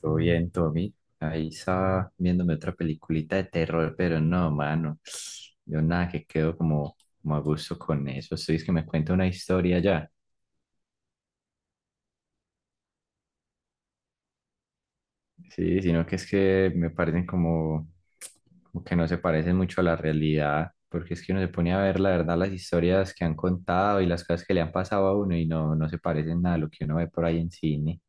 Todo bien, Tommy. Ahí estaba viéndome otra peliculita de terror, pero no, mano. Yo nada que quedo como, como a gusto con eso. Estoy es que me cuenta una historia ya. Sí, sino que es que me parecen como, como que no se parecen mucho a la realidad, porque es que uno se pone a ver la verdad las historias que han contado y las cosas que le han pasado a uno y no, no se parecen nada a lo que uno ve por ahí en cine.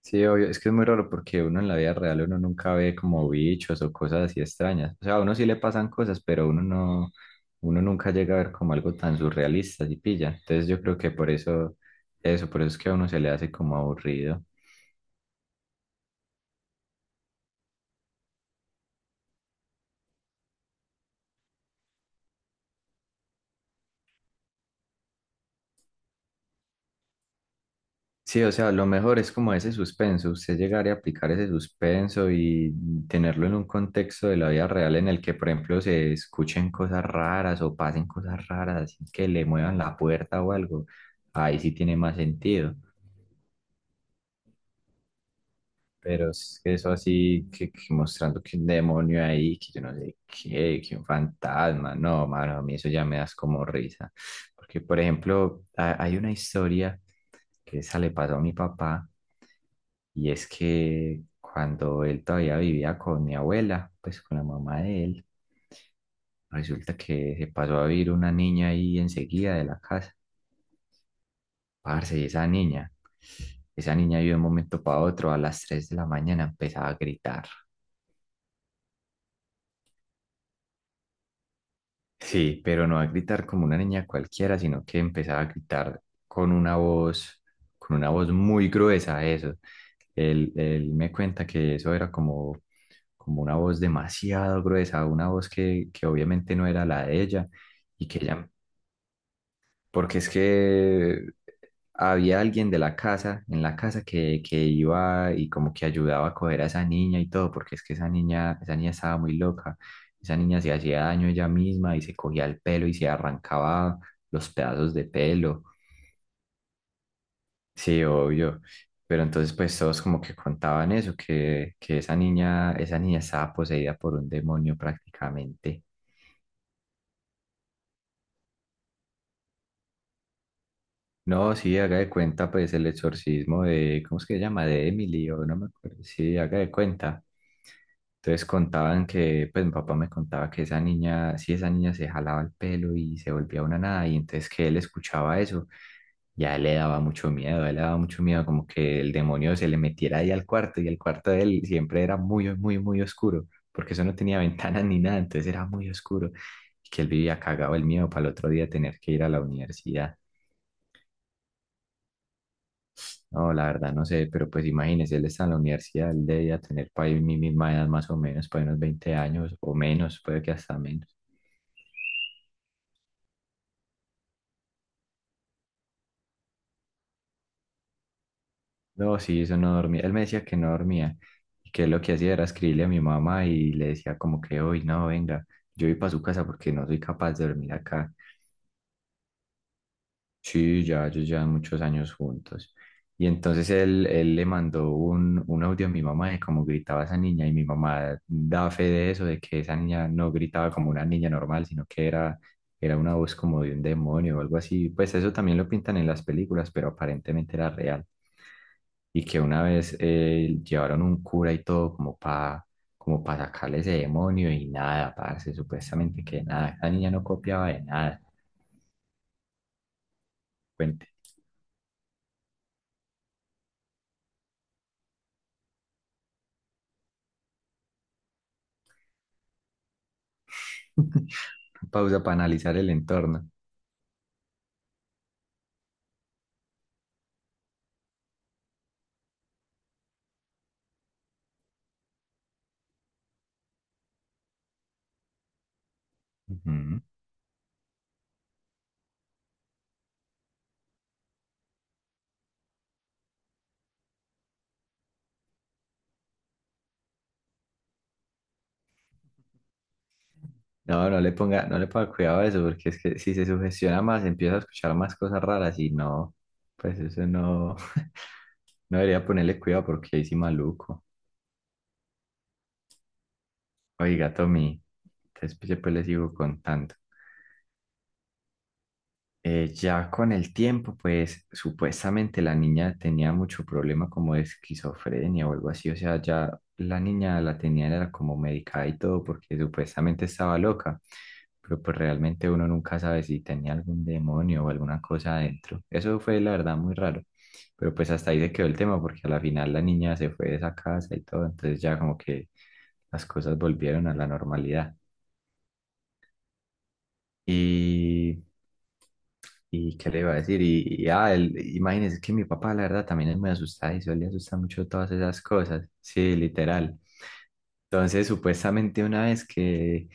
Sí, obvio, es que es muy raro porque uno en la vida real uno nunca ve como bichos o cosas así extrañas. O sea, a uno sí le pasan cosas, pero uno no, uno nunca llega a ver como algo tan surrealista y pilla. Entonces yo creo que por eso, eso, por eso es que a uno se le hace como aburrido. Sí, o sea, lo mejor es como ese suspenso, usted llegar y aplicar ese suspenso y tenerlo en un contexto de la vida real en el que, por ejemplo, se escuchen cosas raras o pasen cosas raras, así que le muevan la puerta o algo. Ahí sí tiene más sentido. Pero es que eso así, que mostrando que un demonio ahí, que yo no sé qué, que un fantasma, no, mano, a mí eso ya me das como risa. Porque, por ejemplo, hay una historia que esa le pasó a mi papá, y es que cuando él todavía vivía con mi abuela, pues con la mamá de él, resulta que se pasó a vivir una niña ahí enseguida de la casa. Parce, y esa niña yo de un momento para otro, a las 3 de la mañana empezaba a gritar. Sí, pero no a gritar como una niña cualquiera, sino que empezaba a gritar con una voz, con una voz muy gruesa, eso. Él me cuenta que eso era como, como una voz demasiado gruesa, una voz que obviamente no era la de ella, y que ella, porque es que había alguien de la casa, en la casa que iba y como que ayudaba a coger a esa niña y todo, porque es que esa niña estaba muy loca. Esa niña se hacía daño ella misma y se cogía el pelo y se arrancaba los pedazos de pelo. Sí, obvio. Pero entonces pues todos como que contaban eso, que esa niña estaba poseída por un demonio prácticamente. No, sí, haga de cuenta, pues el exorcismo de, ¿cómo es que se llama? De Emily, o no me acuerdo. Sí, haga de cuenta. Entonces contaban que, pues mi papá me contaba que esa niña, sí, esa niña se jalaba el pelo y se volvía una nada, y entonces que él escuchaba eso, ya le daba mucho miedo, a él le daba mucho miedo como que el demonio se le metiera ahí al cuarto, y el cuarto de él siempre era muy, muy, muy oscuro, porque eso no tenía ventanas ni nada, entonces era muy oscuro, y que él vivía cagado el miedo para el otro día tener que ir a la universidad. No, la verdad no sé, pero pues imagínese, él está en la universidad, él debería tener para mi misma edad más o menos, para unos 20 años o menos, puede que hasta menos. No, sí, eso no dormía. Él me decía que no dormía y que lo que hacía era escribirle a mi mamá y le decía como que hoy no, venga, yo voy para su casa porque no soy capaz de dormir acá. Sí, ya ellos llevan muchos años juntos. Y entonces él le mandó un audio a mi mamá de cómo gritaba esa niña y mi mamá da fe de eso, de que esa niña no gritaba como una niña normal, sino que era, era una voz como de un demonio o algo así. Pues eso también lo pintan en las películas, pero aparentemente era real. Y que una vez llevaron un cura y todo como para como para sacarle ese demonio y nada, parce, supuestamente que nada, esa niña no copiaba de nada. Cuente. Pausa para analizar el entorno. Ujú. No, no le ponga, no le ponga cuidado a eso, porque es que si se sugestiona más, empieza a escuchar más cosas raras y no, pues eso no, no debería ponerle cuidado porque ahí sí maluco. Oiga, Tommy, entonces pues, después le sigo contando. Ya con el tiempo, pues supuestamente la niña tenía mucho problema como de esquizofrenia o algo así, o sea, ya la niña la tenía era como medicada y todo porque supuestamente estaba loca, pero pues realmente uno nunca sabe si tenía algún demonio o alguna cosa adentro. Eso fue la verdad muy raro, pero pues hasta ahí se quedó el tema porque a la final la niña se fue de esa casa y todo, entonces ya como que las cosas volvieron a la normalidad. Y ¿y qué le iba a decir? Imagínese que mi papá, la verdad, también es muy asustadizo, él le asusta mucho todas esas cosas. Sí, literal. Entonces, supuestamente una vez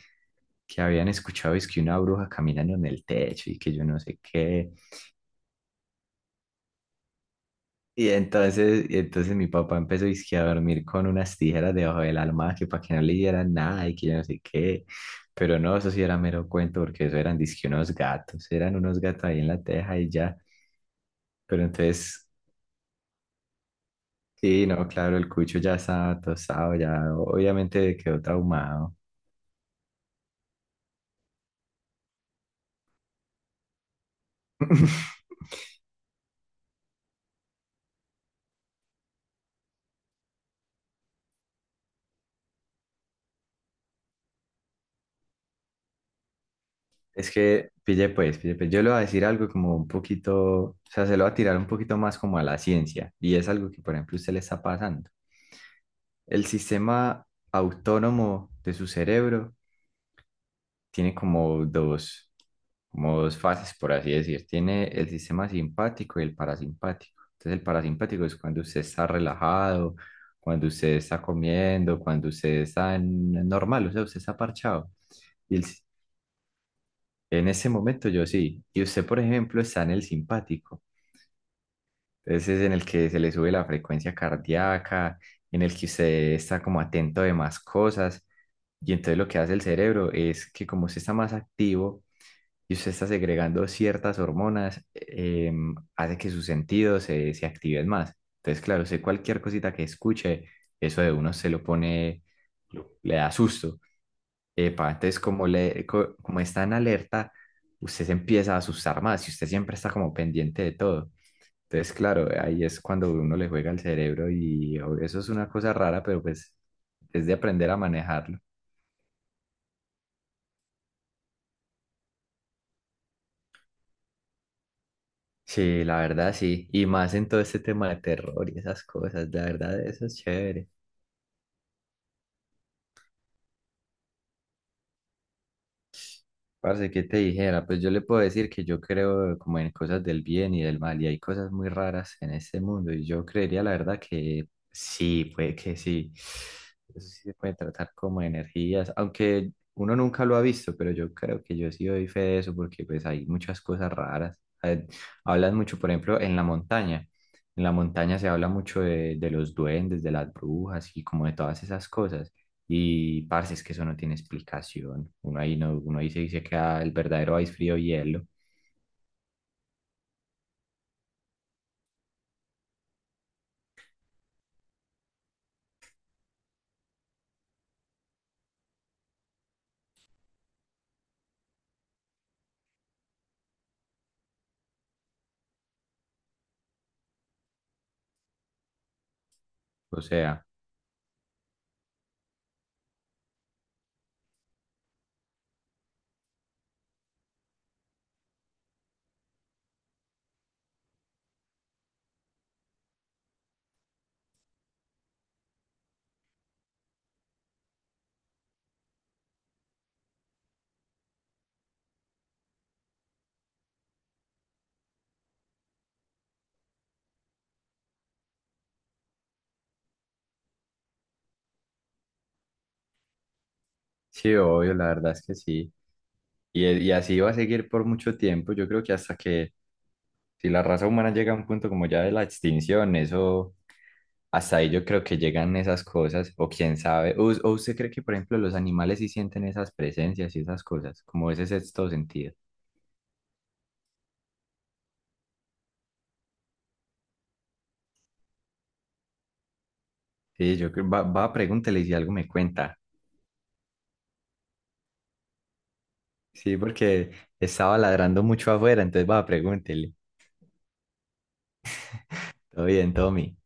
que habían escuchado es que una bruja caminando en el techo y que yo no sé qué. Y entonces mi papá empezó dizque a dormir con unas tijeras debajo del almohada que para que no le dieran nada y que yo no sé qué. Pero no, eso sí era mero cuento porque eso eran dizque unos gatos, eran unos gatos ahí en la teja y ya. Pero entonces sí, no, claro, el cucho ya estaba tostado, ya obviamente quedó traumado. Es que, pille pues, yo le voy a decir algo como un poquito, o sea, se lo voy a tirar un poquito más como a la ciencia, y es algo que, por ejemplo, usted le está pasando. El sistema autónomo de su cerebro tiene como dos fases, por así decir. Tiene el sistema simpático y el parasimpático. Entonces, el parasimpático es cuando usted está relajado, cuando usted está comiendo, cuando usted está normal, o sea, usted está parchado. Y el si- En ese momento yo sí. Y usted, por ejemplo, está en el simpático. Entonces, es en el que se le sube la frecuencia cardíaca, en el que usted está como atento de más cosas. Y entonces lo que hace el cerebro es que como usted está más activo, y usted está segregando ciertas hormonas, hace que sus sentidos se, se activen más. Entonces, claro, sé cualquier cosita que escuche, eso de uno se lo pone, le da susto. Epa, entonces, como está en alerta, usted se empieza a asustar más y usted siempre está como pendiente de todo. Entonces, claro, ahí es cuando uno le juega al cerebro eso es una cosa rara, pero pues es de aprender a manejarlo. Sí, la verdad sí. Y más en todo este tema de terror y esas cosas, la verdad, eso es chévere. Parce, ¿qué te dijera? Pues yo le puedo decir que yo creo como en cosas del bien y del mal, y hay cosas muy raras en este mundo, y yo creería la verdad que sí, puede que sí. Eso sí se puede tratar como de energías, aunque uno nunca lo ha visto, pero yo creo que yo sí doy fe de eso porque pues hay muchas cosas raras. Eh, Hablan mucho, por ejemplo, en la montaña. En la montaña se habla mucho de los duendes, de las brujas y como de todas esas cosas. Y parce, es que eso no tiene explicación. Uno ahí no, uno ahí se dice que ah, el verdadero ice frío hielo. O sea, sí, obvio, la verdad es que sí. Y así va a seguir por mucho tiempo. Yo creo que hasta que si la raza humana llega a un punto como ya de la extinción, eso, hasta ahí yo creo que llegan esas cosas, o quién sabe. ¿O usted cree que, por ejemplo, los animales sí sienten esas presencias y esas cosas, como ese sexto sentido? Sí, yo creo, va, va, pregúntele y si algo me cuenta. Sí, porque estaba ladrando mucho afuera, entonces va, pregúntele. Todo bien, Tommy.